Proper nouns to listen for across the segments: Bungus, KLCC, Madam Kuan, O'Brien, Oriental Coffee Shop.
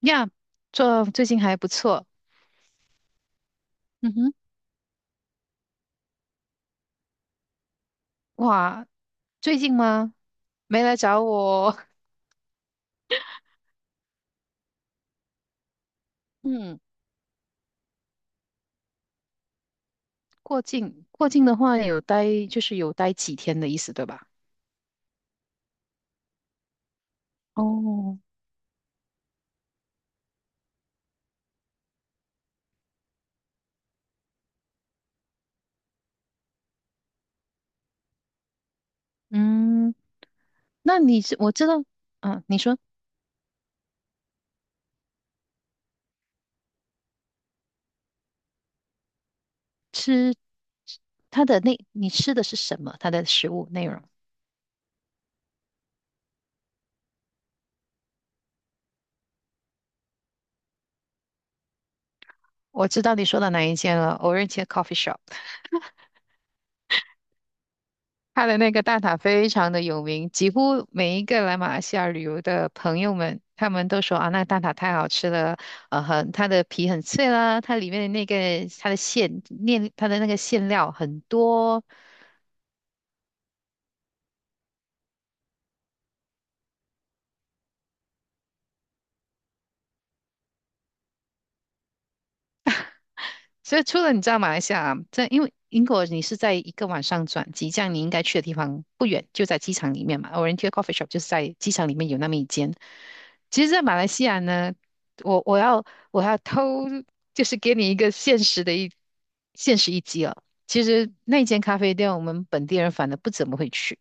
呀，这最近还不错。嗯哼，哇，最近吗？没来找我。嗯，过境的话就是有待几天的意思，对吧？哦，嗯，那你是我知道，啊，你说吃它的那，你吃的是什么？它的食物内容？我知道你说的哪一件了，o r a n g e coffee shop。它的那个蛋挞非常的有名，几乎每一个来马来西亚旅游的朋友们，他们都说啊，那蛋挞太好吃了，呃，很，它的皮很脆啦，它里面的那个它的馅面，它的那个馅料很多。所以除了你知道马来西亚啊，这因为英国你是在一个晚上转机，这样你应该去的地方不远，就在机场里面嘛。Oriental Coffee Shop 就是在机场里面有那么一间。其实，在马来西亚呢，我要我要偷，就是给你一个现实一击哦。其实那间咖啡店我们本地人反而不怎么会去，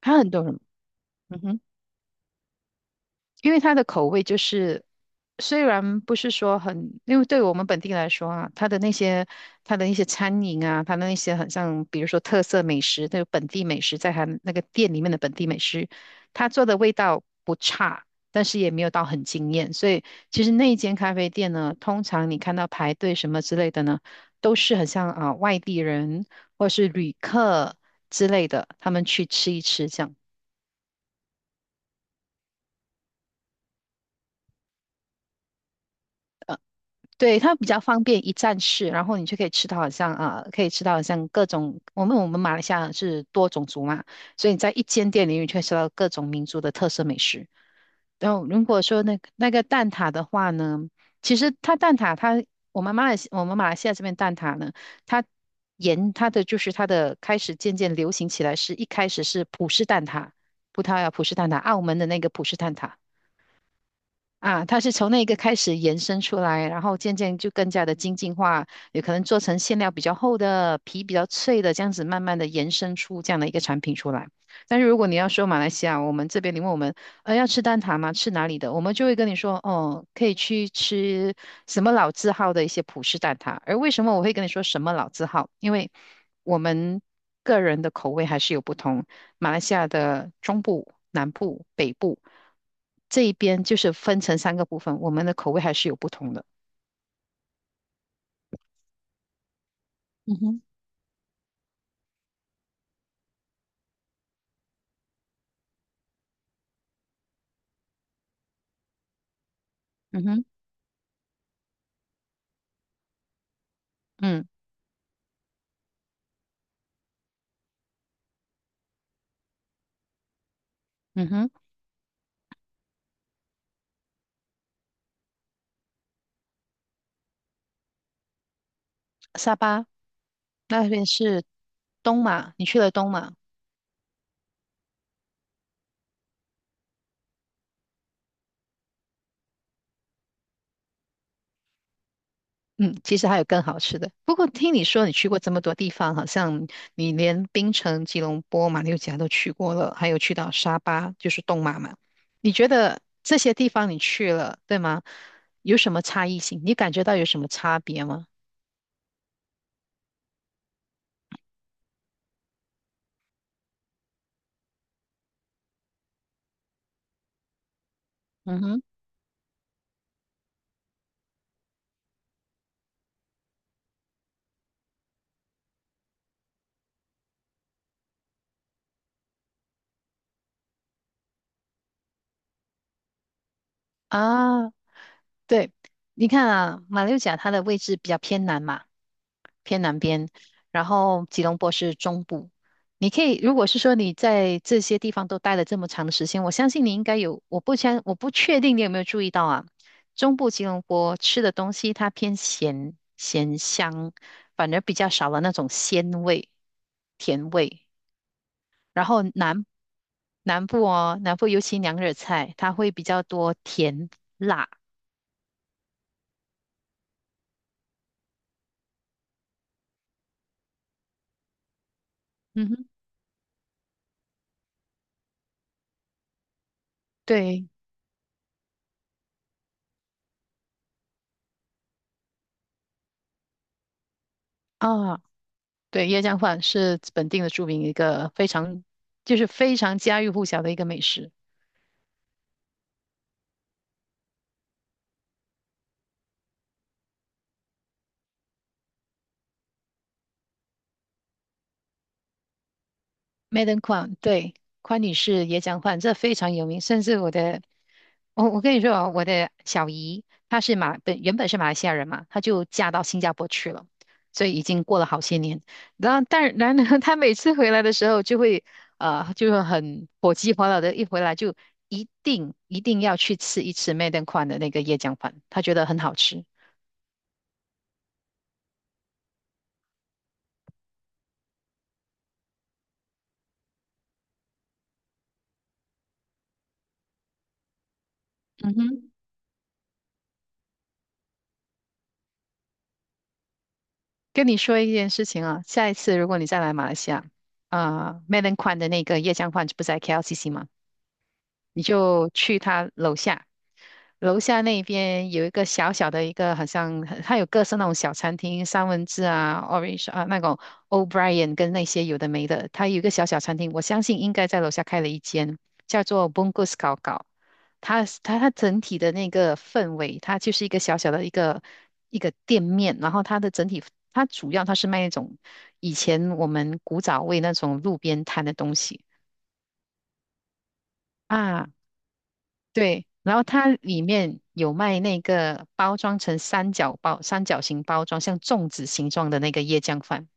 还有很多人，嗯哼。因为它的口味就是，虽然不是说很，因为对我们本地来说啊，它的一些餐饮啊，它的那些很像，比如说特色美食，那个本地美食，在它那个店里面的本地美食，它做的味道不差，但是也没有到很惊艳。所以其实那一间咖啡店呢，通常你看到排队什么之类的呢，都是很像啊、外地人或是旅客之类的，他们去吃一吃这样。对，它比较方便一站式，然后你就可以吃到好像啊、可以吃到好像各种，我们马来西亚是多种族嘛，所以你在一间店里你就可以吃到各种民族的特色美食。然后如果说那个蛋挞的话呢，其实它蛋挞它我们马来西亚这边蛋挞呢，它沿它的就是它的开始渐渐流行起来是，一开始是葡式蛋挞，葡萄牙葡式蛋挞，澳门的那个葡式蛋挞。啊，它是从那个开始延伸出来，然后渐渐就更加的精进化，有可能做成馅料比较厚的、皮比较脆的，这样子慢慢的延伸出这样的一个产品出来。但是如果你要说马来西亚，我们这边你问我们，要吃蛋挞吗？吃哪里的？我们就会跟你说，哦，可以去吃什么老字号的一些葡式蛋挞。而为什么我会跟你说什么老字号？因为我们个人的口味还是有不同。马来西亚的中部、南部、北部这一边，就是分成三个部分，我们的口味还是有不同的。嗯哼，嗯哼，嗯嗯哼，沙巴那边是东马，你去了东马，嗯，其实还有更好吃的。不过听你说你去过这么多地方，好像你连槟城、吉隆坡、马六甲都去过了，还有去到沙巴，就是东马嘛。你觉得这些地方你去了，对吗？有什么差异性？你感觉到有什么差别吗？嗯哼，啊。对，你看啊，马六甲它的位置比较偏南嘛，偏南边，然后吉隆坡是中部。你可以，如果是说你在这些地方都待了这么长的时间，我相信你应该有，我不确定你有没有注意到啊，中部吉隆坡吃的东西它偏咸咸香，反而比较少了那种鲜味、甜味。然后南部哦，南部尤其娘惹菜，它会比较多甜辣。嗯哼。对，啊，对，椰浆饭是本地的著名一个非常，就是非常家喻户晓的一个美食。Madam k u a n 对，宽女士椰浆饭，这非常有名。甚至我的，我跟你说啊，我的小姨她是原本是马来西亚人嘛，她就嫁到新加坡去了，所以已经过了好些年。然后，但然呢，她每次回来的时候就会，就是很火急火燎的，一回来就一定一定要去吃一次 Madam k u a n 的那个椰浆饭，她觉得很好吃。嗯哼。跟你说一件事情啊，下一次如果你再来马来西亚，啊、m e l o n Kwan 的那个椰浆饭不是在 KLCC 吗？你就去他楼下，楼下那边有一个小小的一个，好像它有各式那种小餐厅，三文治啊，Orange 啊，那种 O'Brien 跟那些有的没的，它有一个小小餐厅，我相信应该在楼下开了一间，叫做 Bungus 搞搞。它整体的那个氛围，它就是一个小小的一个店面，然后它的整体，它主要它是卖那种以前我们古早味那种路边摊的东西。啊，对，然后它里面有卖那个包装成三角包、三角形包装，像粽子形状的那个椰浆饭。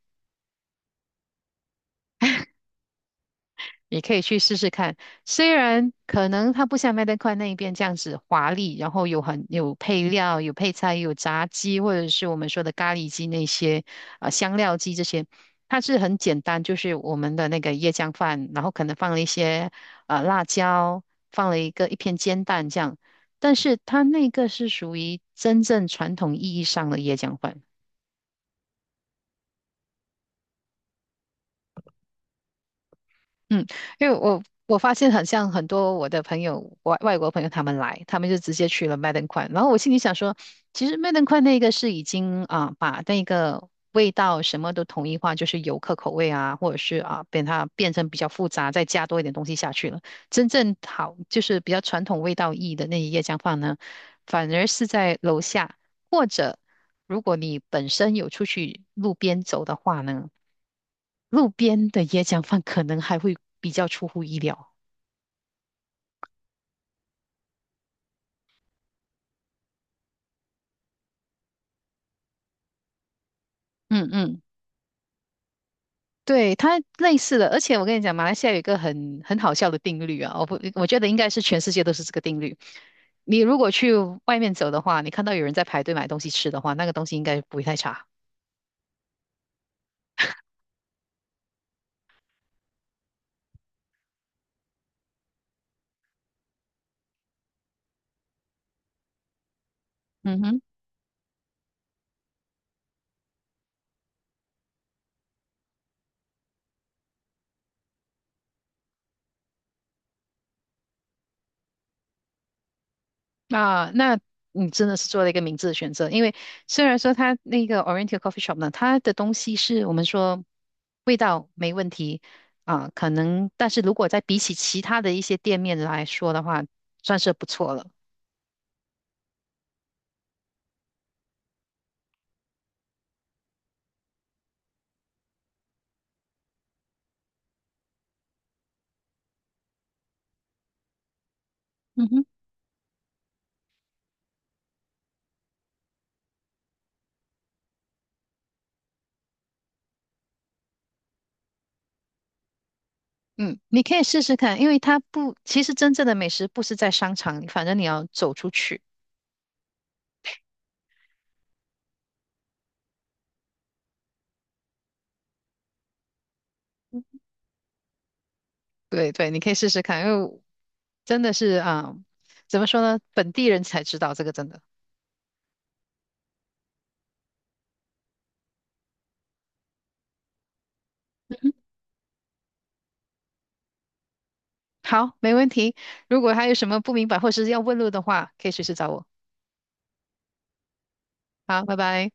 你可以去试试看。虽然可能它不像麦当块那一边这样子华丽，然后很有配料、有配菜、有炸鸡，或者是我们说的咖喱鸡那些啊、香料鸡这些，它是很简单，就是我们的那个椰浆饭，然后可能放了一些啊辣椒，放了一片煎蛋这样。但是它那个是属于真正传统意义上的椰浆饭。嗯，因为我发现很像很多我的朋友，外国朋友他们来，他们就直接去了麦登宽，然后我心里想说，其实麦登宽那个是已经啊把那个味道什么都统一化，就是游客口味啊，或者是啊它变成比较复杂，再加多一点东西下去了。真正好就是比较传统味道意的那一夜姜饭呢，反而是在楼下，或者如果你本身有出去路边走的话呢。路边的椰浆饭可能还会比较出乎意料。嗯嗯，对，它类似的，而且我跟你讲，马来西亚有一个很好笑的定律啊，我不，我觉得应该是全世界都是这个定律。你如果去外面走的话，你看到有人在排队买东西吃的话，那个东西应该不会太差。嗯哼。啊，那你真的是做了一个明智的选择，因为虽然说它那个 Oriental Coffee Shop 呢，它的东西是我们说味道没问题啊，可能，但是如果在比起其他的一些店面来说的话，算是不错了。嗯哼，嗯，你可以试试看，因为它不，其实真正的美食不是在商场里反正你要走出去。对对，你可以试试看，因为真的是啊，怎么说呢，本地人才知道这个真的。好，没问题。如果还有什么不明白或是要问路的话，可以随时找我。好，拜拜。